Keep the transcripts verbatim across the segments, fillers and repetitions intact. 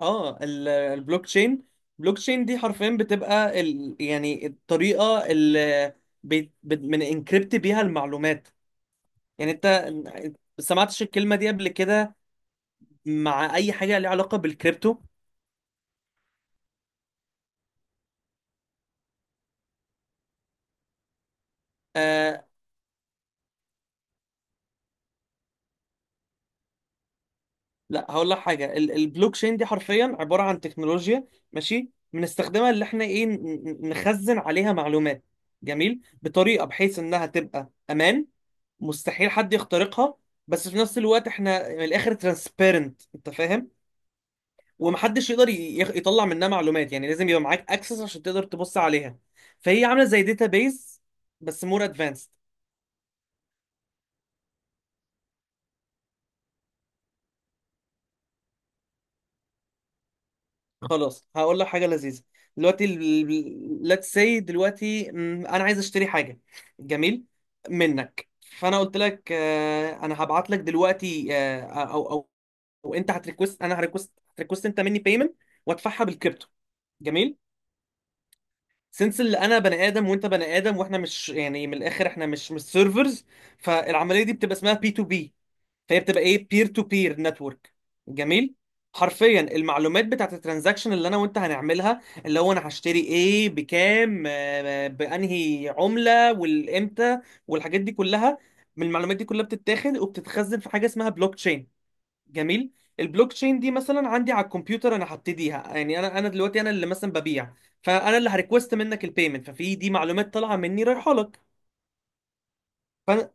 اه ال- البلوك تشين البلوك تشين دي حرفيا بتبقى ال... يعني الطريقه اللي بي... بت... من انكريبت بيها المعلومات. يعني انت سمعتش الكلمه دي قبل كده مع اي حاجه ليها علاقه بالكريبتو؟ آه لا، هقول لك حاجه. ال... البلوك تشين دي حرفيا عباره عن تكنولوجيا، ماشي، بنستخدمها اللي احنا ايه، ن- ن- نخزن عليها معلومات. جميل، بطريقه بحيث انها تبقى امان، مستحيل حد يخترقها. بس في نفس الوقت احنا من الاخر ترانسبيرنت، انت فاهم، ومحدش يقدر ي- يخ- يطلع منها معلومات، يعني لازم يبقى معاك اكسس عشان تقدر تبص عليها. فهي عامله زي داتابيز بس مور ادفانسد. خلاص، هقول لك حاجه لذيذه. دلوقتي، ليتس سي، دلوقتي مم، انا عايز اشتري حاجه جميل منك. فانا قلت لك، آه، انا هبعت لك دلوقتي، آه، او او او انت هتريكوست، انا هريكوست هتريكوست انت مني بيمنت وادفعها بالكريبتو. جميل، سنس اللي انا بني ادم وانت بني ادم واحنا مش، يعني، من الاخر احنا مش مش سيرفرز. فالعمليه دي بتبقى اسمها بي تو بي، فهي بتبقى ايه، بير تو بير نتورك. جميل. حرفيا المعلومات بتاعت الترانزاكشن اللي انا وانت هنعملها، اللي هو انا هشتري ايه بكام، آه، بانهي عمله، والامتى، والحاجات دي كلها. من المعلومات دي كلها بتتاخد وبتتخزن في حاجه اسمها بلوك تشين. جميل. البلوك تشين دي مثلا عندي على الكمبيوتر، انا هبتديها يعني، انا انا دلوقتي انا اللي مثلا ببيع. فانا اللي هريكوست منك البيمنت، ففي دي معلومات طالعه مني رايحه لك. فانا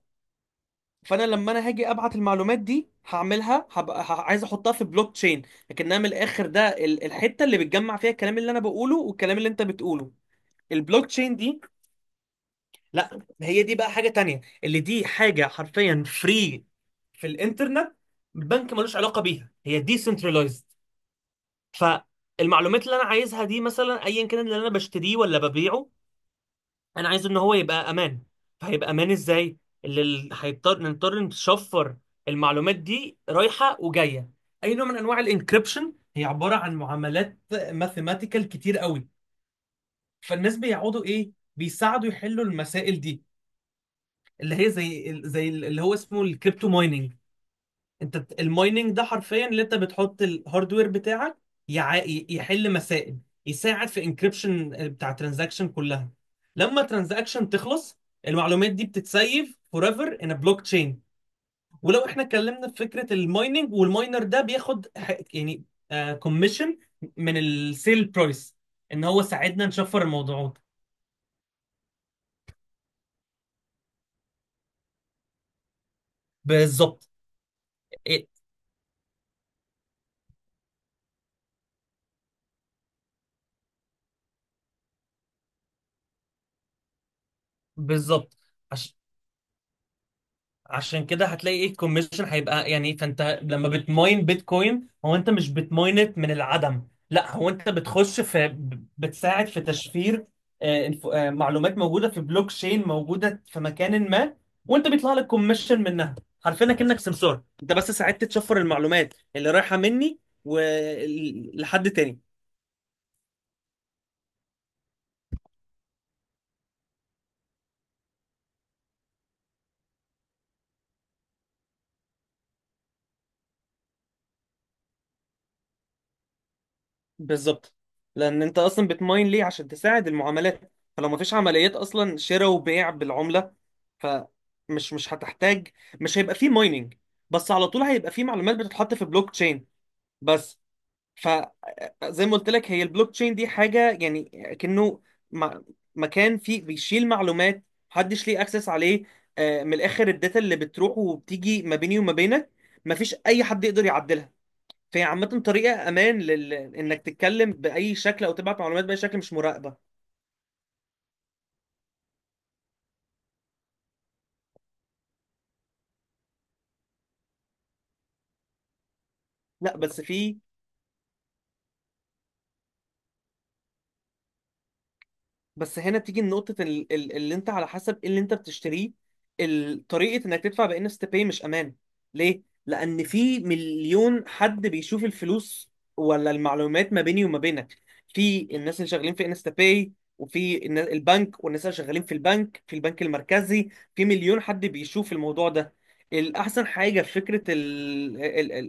فانا لما انا هاجي ابعت المعلومات دي، هعملها هبقى ه- عايز احطها في بلوك تشين. لكنها من الاخر ده ال- الحته اللي بتجمع فيها الكلام اللي انا بقوله والكلام اللي انت بتقوله، البلوك تشين دي. لا، هي دي بقى حاجه تانية، اللي دي حاجه حرفيا فري في الانترنت، بنك ملوش علاقه بيها، هي ديسنترلايزد. فالمعلومات اللي انا عايزها دي، مثلا ايا كان اللي انا بشتريه ولا ببيعه، انا عايز ان هو يبقى امان. فهيبقى امان ازاي؟ اللي ال- هيضطر نضطر نشفر المعلومات دي رايحه وجايه، اي نوع من انواع الانكريبشن. هي عباره عن معاملات ماثيماتيكال كتير قوي، فالناس بيقعدوا ايه، بيساعدوا يحلوا المسائل دي، اللي هي زي زي اللي هو اسمه الكريبتو مايننج. انت بت- المايننج ده حرفيا اللي انت بتحط الهاردوير بتاعك يع... ي- يحل مسائل، يساعد في انكريبشن بتاع ترانزاكشن كلها. لما ترانزاكشن تخلص، المعلومات دي بتتسيف forever in a blockchain. ولو احنا اتكلمنا في فكرة المايننج، والماينر ده بياخد ح- يعني كوميشن من السيل برايس، ان هو ساعدنا نشفر الموضوع ده. بالظبط. إيه، بالظبط. عشان كده هتلاقي ايه الكوميشن هيبقى، يعني فانت لما بتماين بيتكوين، هو انت مش بتماينت من العدم، لا، هو انت بتخش في ب- بتساعد في تشفير، آه، الف- آه، معلومات موجوده في بلوك تشين، موجوده في مكان ما، وانت بيطلع لك كوميشن منها. عارفين، كأنك سمسار انت، بس ساعدت تشفر المعلومات اللي رايحه مني ولحد تاني. بالظبط، لان انت اصلا بتماين ليه؟ عشان تساعد المعاملات، فلو ما فيش عمليات اصلا شراء وبيع بالعمله، فمش، مش هتحتاج، مش هيبقى فيه مايننج. بس على طول هيبقى فيه معلومات بتتحط في بلوك تشين، بس. فزي ما قلت لك، هي البلوك تشين دي حاجه يعني، كأنه، م- مكان فيه بيشيل معلومات، محدش ليه اكسس عليه. آه، من الاخر الداتا اللي بتروح وبتيجي ما بيني وما بينك، مفيش اي حد يقدر يعدلها. فهي عامة طريقة أمان لل... إنك تتكلم بأي شكل أو تبعت معلومات بأي شكل مش مراقبة. لا بس في، بس هنا بتيجي نقطة ال- ال- اللي انت على حسب ايه اللي انت بتشتريه. ال- طريقة انك تدفع بان اس باي مش امان. ليه؟ لان في مليون حد بيشوف الفلوس ولا المعلومات ما بيني وما بينك. في الناس اللي شغالين في انستا باي، وفي النا- البنك، والناس اللي شغالين في البنك، في البنك المركزي، في مليون حد بيشوف الموضوع ده. الاحسن حاجة في فكرة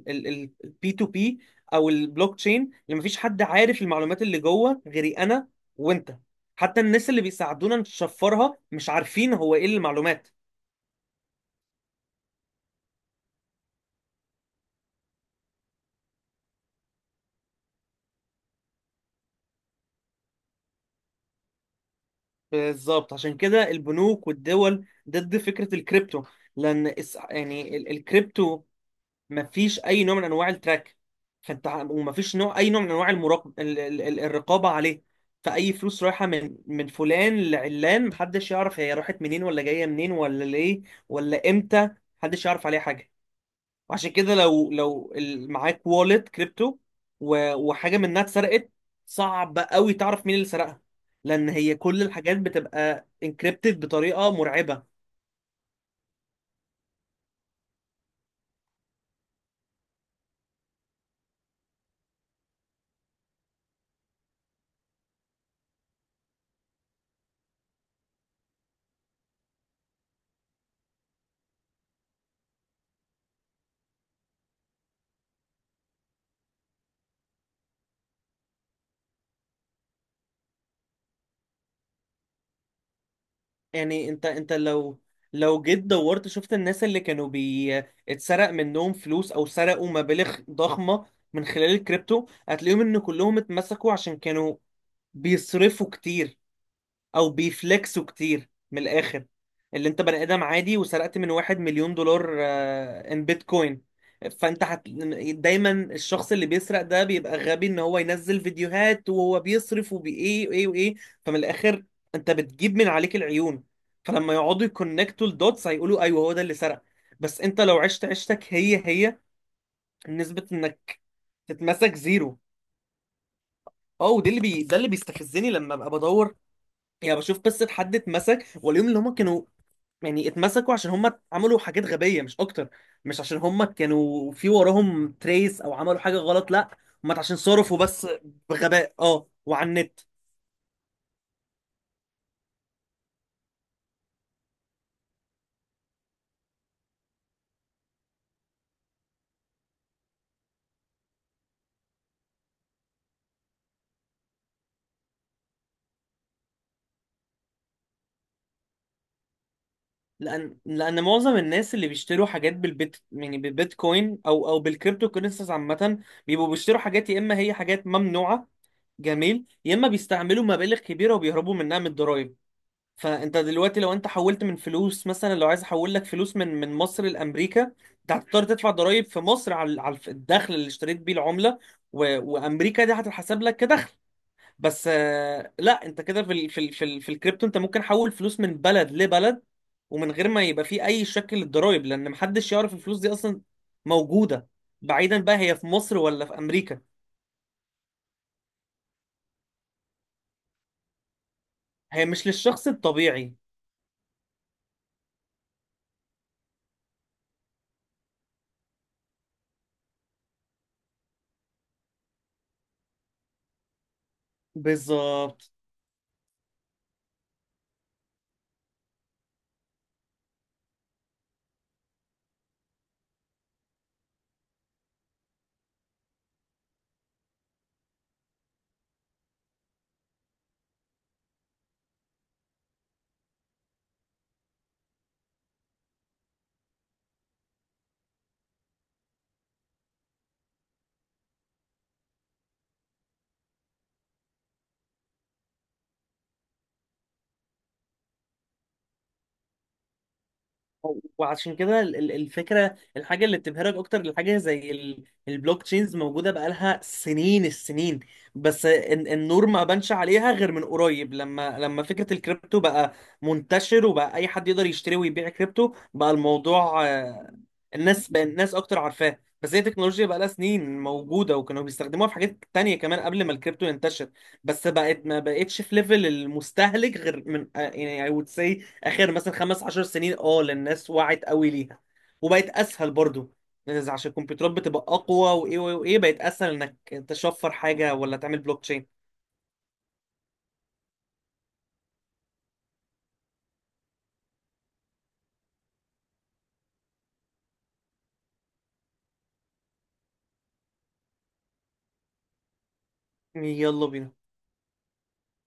البي تو بي او البلوك تشين، لما فيش حد عارف المعلومات اللي جوه غيري انا وانت. حتى الناس اللي بيساعدونا نشفرها مش عارفين هو ايه المعلومات. بالظبط، عشان كده البنوك والدول ضد فكرة الكريبتو، لان اس- يعني ال- الكريبتو مفيش اي نوع من انواع التراك. فانت ع- ومفيش نوع، اي نوع من انواع المراقب، ال- ال- ال- الرقابة عليه. فاي فلوس رايحة من من فلان لعلان، محدش يعرف هي راحت منين ولا جاية منين ولا ليه ولا امتى، محدش يعرف عليها حاجة. وعشان كده لو لو ال- معاك والت كريبتو و- وحاجه منها اتسرقت، صعب قوي تعرف مين اللي سرقها، لان هي كل الحاجات بتبقى انكريبتد بطريقه مرعبه. يعني انت انت لو، لو جيت دورت شفت الناس اللي كانوا بي اتسرق منهم فلوس او سرقوا مبالغ ضخمه من خلال الكريبتو، هتلاقيهم ان كلهم اتمسكوا عشان كانوا بيصرفوا كتير او بيفلكسوا كتير. من الاخر، اللي انت بني ادم عادي وسرقت من واحد مليون دولار ان بيتكوين، فانت هت... دايما الشخص اللي بيسرق ده بيبقى غبي، ان هو ينزل فيديوهات وهو بيصرف وبايه وايه وايه. فمن الاخر انت بتجيب من عليك العيون، فلما يقعدوا يكونكتوا الدوتس، هيقولوا ايوه هو ده اللي سرق. بس انت لو عشت عشتك، هي هي نسبة انك تتمسك زيرو. اه، ودي اللي بي... ده اللي بيستفزني لما ببقى بدور، يعني بشوف قصة حد اتمسك واليوم اللي هما كانوا، يعني اتمسكوا عشان هم عملوا حاجات غبية مش أكتر، مش عشان هم كانوا في وراهم تريس أو عملوا حاجة غلط. لا، هم عشان صرفوا بس بغباء، اه، وعلى النت. لأن لأن معظم الناس اللي بيشتروا حاجات بالبيت، يعني بالبيتكوين أو أو بالكريبتو كورنسيز عامة، بيبقوا بيشتروا حاجات يا إما هي حاجات ممنوعة، جميل، يا إما بيستعملوا مبالغ كبيرة وبيهربوا منها من الضرايب. فانت دلوقتي لو انت حولت من فلوس، مثلا لو عايز احول لك فلوس من من مصر لامريكا، انت هتضطر تدفع ضرائب في مصر على على الدخل اللي اشتريت بيه العمله، و... وامريكا دي هتتحسب لك كدخل. بس آه، لا، انت كده في ال... في ال... في, ال... في الكريبتو، انت ممكن حول فلوس من بلد لبلد، ومن غير ما يبقى فيه اي شكل للضرائب، لان محدش يعرف الفلوس دي اصلا موجوده، بعيدا بقى هي في مصر ولا في امريكا. هي مش للشخص الطبيعي. بالظبط. وعشان كده ال- ال- الفكره الحاجه اللي بتبهرك اكتر، الحاجه زي ال- البلوك تشينز موجوده بقالها سنين السنين، بس ال- النور ما بانش عليها غير من قريب، لما لما فكره الكريبتو بقى منتشر، وبقى اي حد يقدر يشتري ويبيع كريبتو، بقى الموضوع، آه، الناس بقى، الناس اكتر عارفاه، بس هي تكنولوجيا بقى لها سنين موجوده، وكانوا بيستخدموها في حاجات تانية كمان قبل ما الكريبتو ينتشر. بس بقت، ما بقتش في ليفل المستهلك غير من، آه، يعني I would say اخر مثلا خمس عشر سنين، اه، للناس وعت قوي ليها وبقت اسهل برضو. إذا عشان الكمبيوترات بتبقى اقوى، وايه وايه وإيه، بقت اسهل انك تشفر حاجه ولا تعمل بلوك تشين. يلا بينا.